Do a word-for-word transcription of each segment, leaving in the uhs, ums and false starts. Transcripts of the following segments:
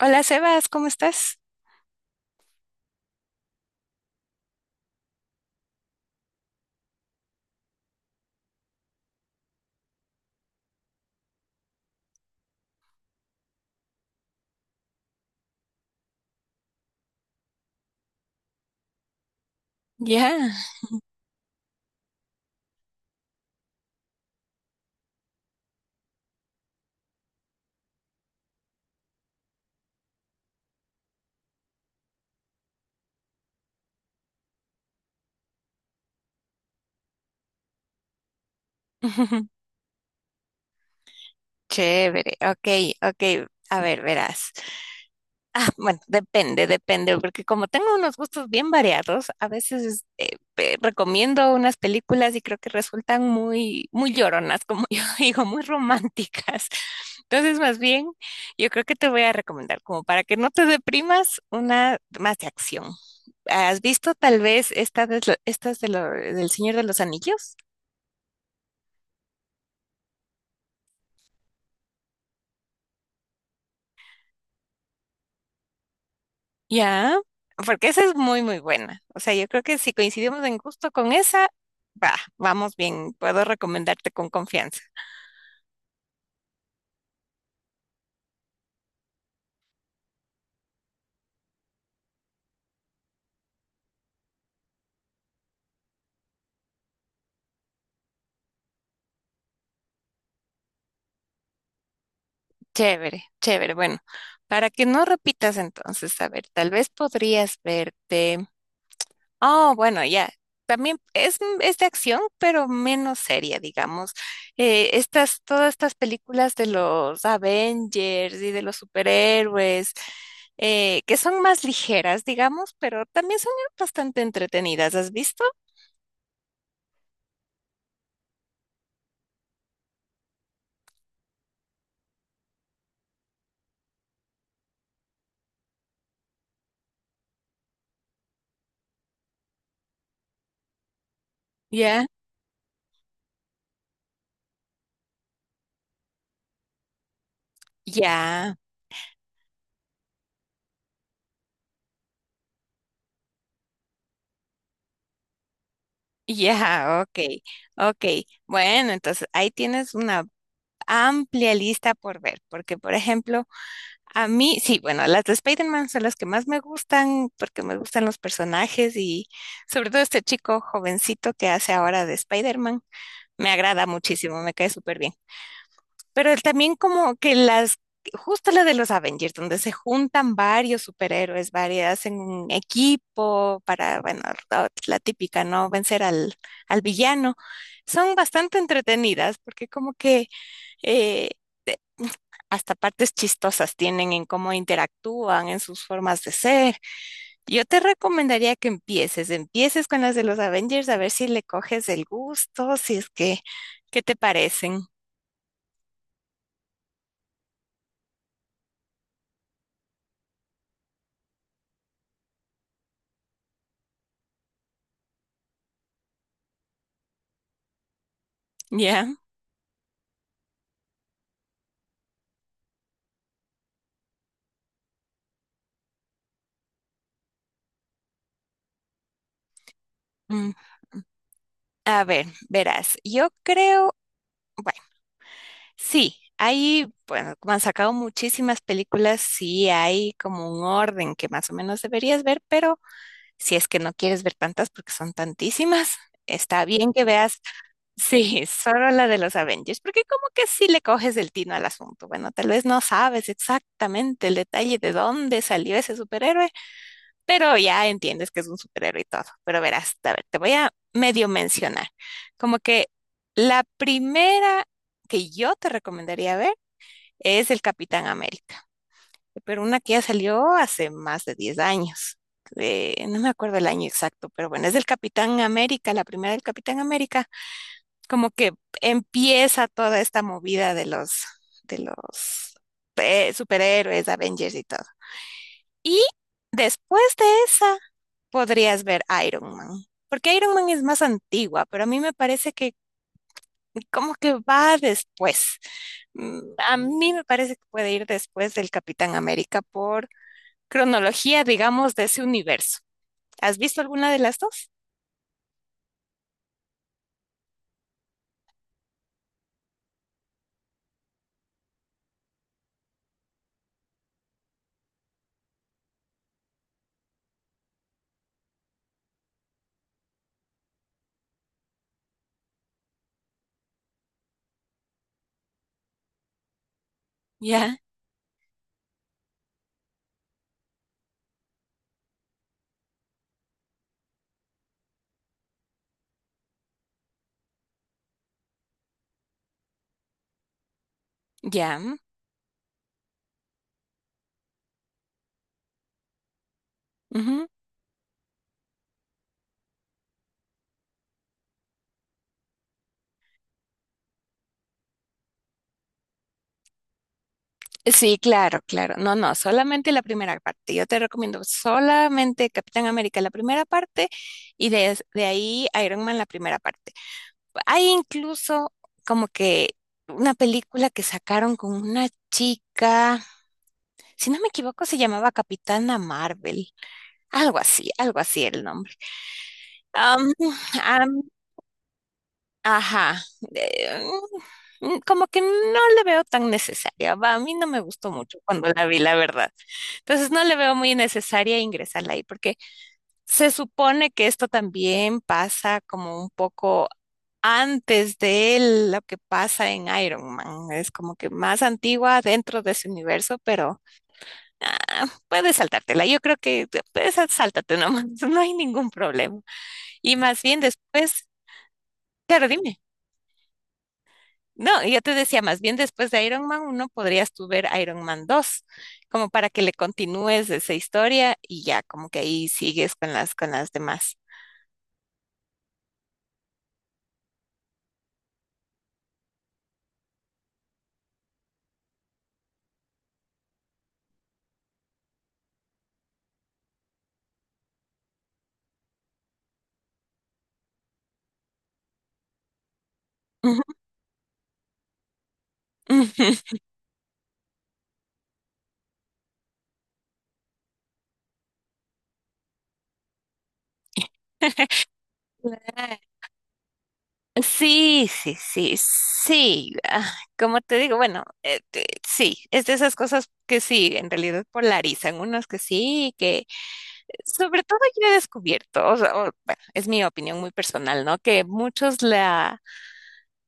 Hola Sebas, ¿cómo estás? Ya. Chévere, ok, ok. A ver, verás. Ah, bueno, depende, depende, porque como tengo unos gustos bien variados, a veces eh, pe- recomiendo unas películas y creo que resultan muy, muy lloronas, como yo digo, muy románticas. Entonces, más bien, yo creo que te voy a recomendar, como para que no te deprimas, una más de acción. ¿Has visto tal vez esta de, estas de lo- del Señor de los Anillos? Ya, porque esa es muy, muy buena. O sea, yo creo que si coincidimos en gusto con esa, va, vamos bien. Puedo recomendarte con confianza. Chévere, chévere. Bueno, para que no repitas entonces, a ver, tal vez podrías verte. Oh, bueno, ya. También es, es de acción, pero menos seria, digamos. Eh, estas, todas estas películas de los Avengers y de los superhéroes, eh, que son más ligeras, digamos, pero también son bastante entretenidas. ¿Has visto? Ya, ya, ya, ok, ok. Bueno, entonces ahí tienes una amplia lista por ver, porque por ejemplo, a mí, sí, bueno, las de Spider-Man son las que más me gustan porque me gustan los personajes y sobre todo este chico jovencito que hace ahora de Spider-Man, me agrada muchísimo, me cae súper bien. Pero él también como que las, justo la de los Avengers, donde se juntan varios superhéroes, varias, hacen un equipo para, bueno, la la típica, ¿no? Vencer al, al villano, son bastante entretenidas porque como que... eh, hasta partes chistosas tienen en cómo interactúan, en sus formas de ser. Yo te recomendaría que empieces, empieces con las de los Avengers a ver si le coges el gusto, si es que, ¿qué te parecen? ¿Ya? Mm. A ver, verás, yo creo, bueno, sí, hay, bueno, como han sacado muchísimas películas, sí hay como un orden que más o menos deberías ver, pero si es que no quieres ver tantas porque son tantísimas, está bien que veas. Sí, solo la de los Avengers, porque como que sí le coges el tino al asunto. Bueno, tal vez no sabes exactamente el detalle de dónde salió ese superhéroe, pero ya entiendes que es un superhéroe y todo. Pero verás, a ver, te voy a medio mencionar. Como que la primera que yo te recomendaría ver es el Capitán América, pero una que ya salió hace más de diez años. Eh, no me acuerdo el año exacto, pero bueno, es del Capitán América, la primera del Capitán América como que empieza toda esta movida de los, de los eh, superhéroes, Avengers y todo. Y después de esa podrías ver Iron Man, porque Iron Man es más antigua, pero a mí me parece que como que va después. Mm, a mí me parece que puede ir después del Capitán América por cronología, digamos, de ese universo. ¿Has visto alguna de las dos? Ya, ya. Ujú. Sí, claro, claro. No, no, solamente la primera parte. Yo te recomiendo solamente Capitán América, la primera parte, y de, de ahí Iron Man, la primera parte. Hay incluso como que una película que sacaron con una chica, si no me equivoco, se llamaba Capitana Marvel, algo así, algo así era el nombre. Am, am, Ajá, eh, mm, como que no le veo tan necesaria. Va, a mí no me gustó mucho cuando la vi, la verdad. Entonces no le veo muy necesaria ingresarla ahí, porque se supone que esto también pasa como un poco antes de lo que pasa en Iron Man. Es como que más antigua dentro de ese universo, pero ah, puedes saltártela. Yo creo que eh, puedes sáltate nomás, no hay ningún problema. Y más bien después, claro, dime. No, y yo te decía, más bien después de Iron Man uno podrías tú ver Iron Man dos, como para que le continúes esa historia y ya como que ahí sigues con las con las demás. Ujú, ujú. Sí, sí, sí, sí. Ah, como te digo, bueno, eh, te- sí, es de esas cosas que sí, en realidad polarizan. Unos que sí, que sobre todo yo he descubierto, o sea, o- bueno, es mi opinión muy personal, ¿no? Que muchos la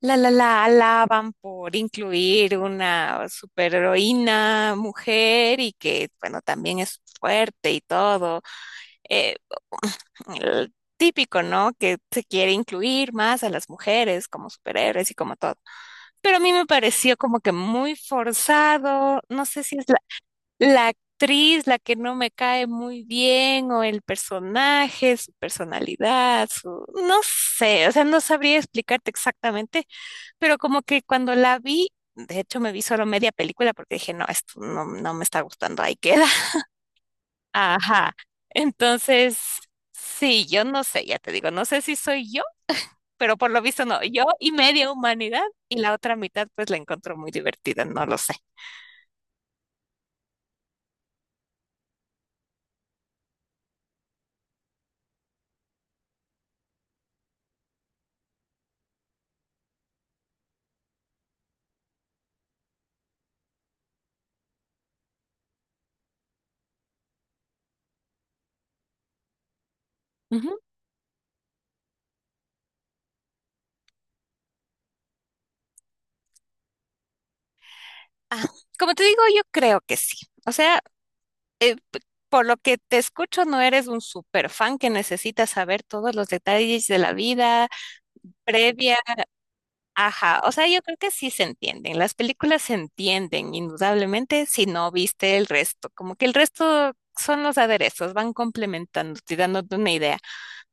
La la la alaban por incluir una superheroína mujer y que, bueno, también es fuerte y todo. Eh, el típico, ¿no? Que se quiere incluir más a las mujeres como superhéroes y como todo. Pero a mí me pareció como que muy forzado. No sé si es la actriz, la que no me cae muy bien, o el personaje, su personalidad, su... no sé, o sea, no sabría explicarte exactamente, pero como que cuando la vi, de hecho me vi solo media película porque dije, no, esto no, no me está gustando, ahí queda. Ajá. Entonces, sí, yo no sé, ya te digo, no sé si soy yo pero por lo visto no. Yo y media humanidad y la otra mitad pues la encontró muy divertida, no lo sé. Ujú. Ah, como te digo, yo creo que sí. O sea, eh, p- por lo que te escucho, no eres un super fan que necesita saber todos los detalles de la vida previa. Ajá, o sea, yo creo que sí se entienden. Las películas se entienden, indudablemente, si no viste el resto. Como que el resto son los aderezos, van complementando, y dándote una idea.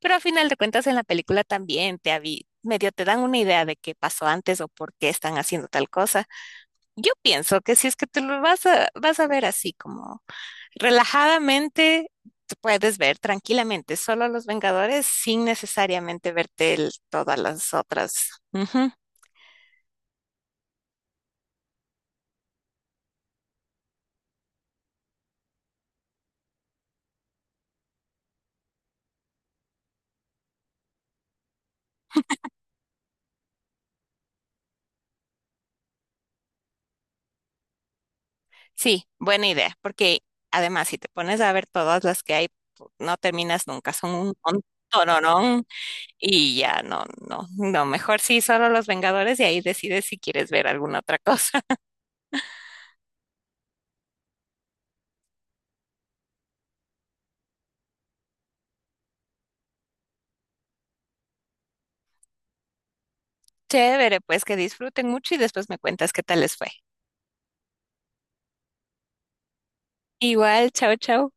Pero a final de cuentas, en la película también te avi- medio te dan una idea de qué pasó antes o por qué están haciendo tal cosa. Yo pienso que si es que te lo vas a, vas a ver así como relajadamente tú puedes ver tranquilamente solo Los Vengadores sin necesariamente verte el- todas las otras. Ujú. Sí, buena idea, porque además si te pones a ver todas las que hay, pu- no terminas nunca, son un montón y ya no, no, no, mejor sí solo Los Vengadores y ahí decides si quieres ver alguna otra cosa. Chévere, pues que disfruten mucho y después me cuentas qué tal les fue. Igual, chao, chao.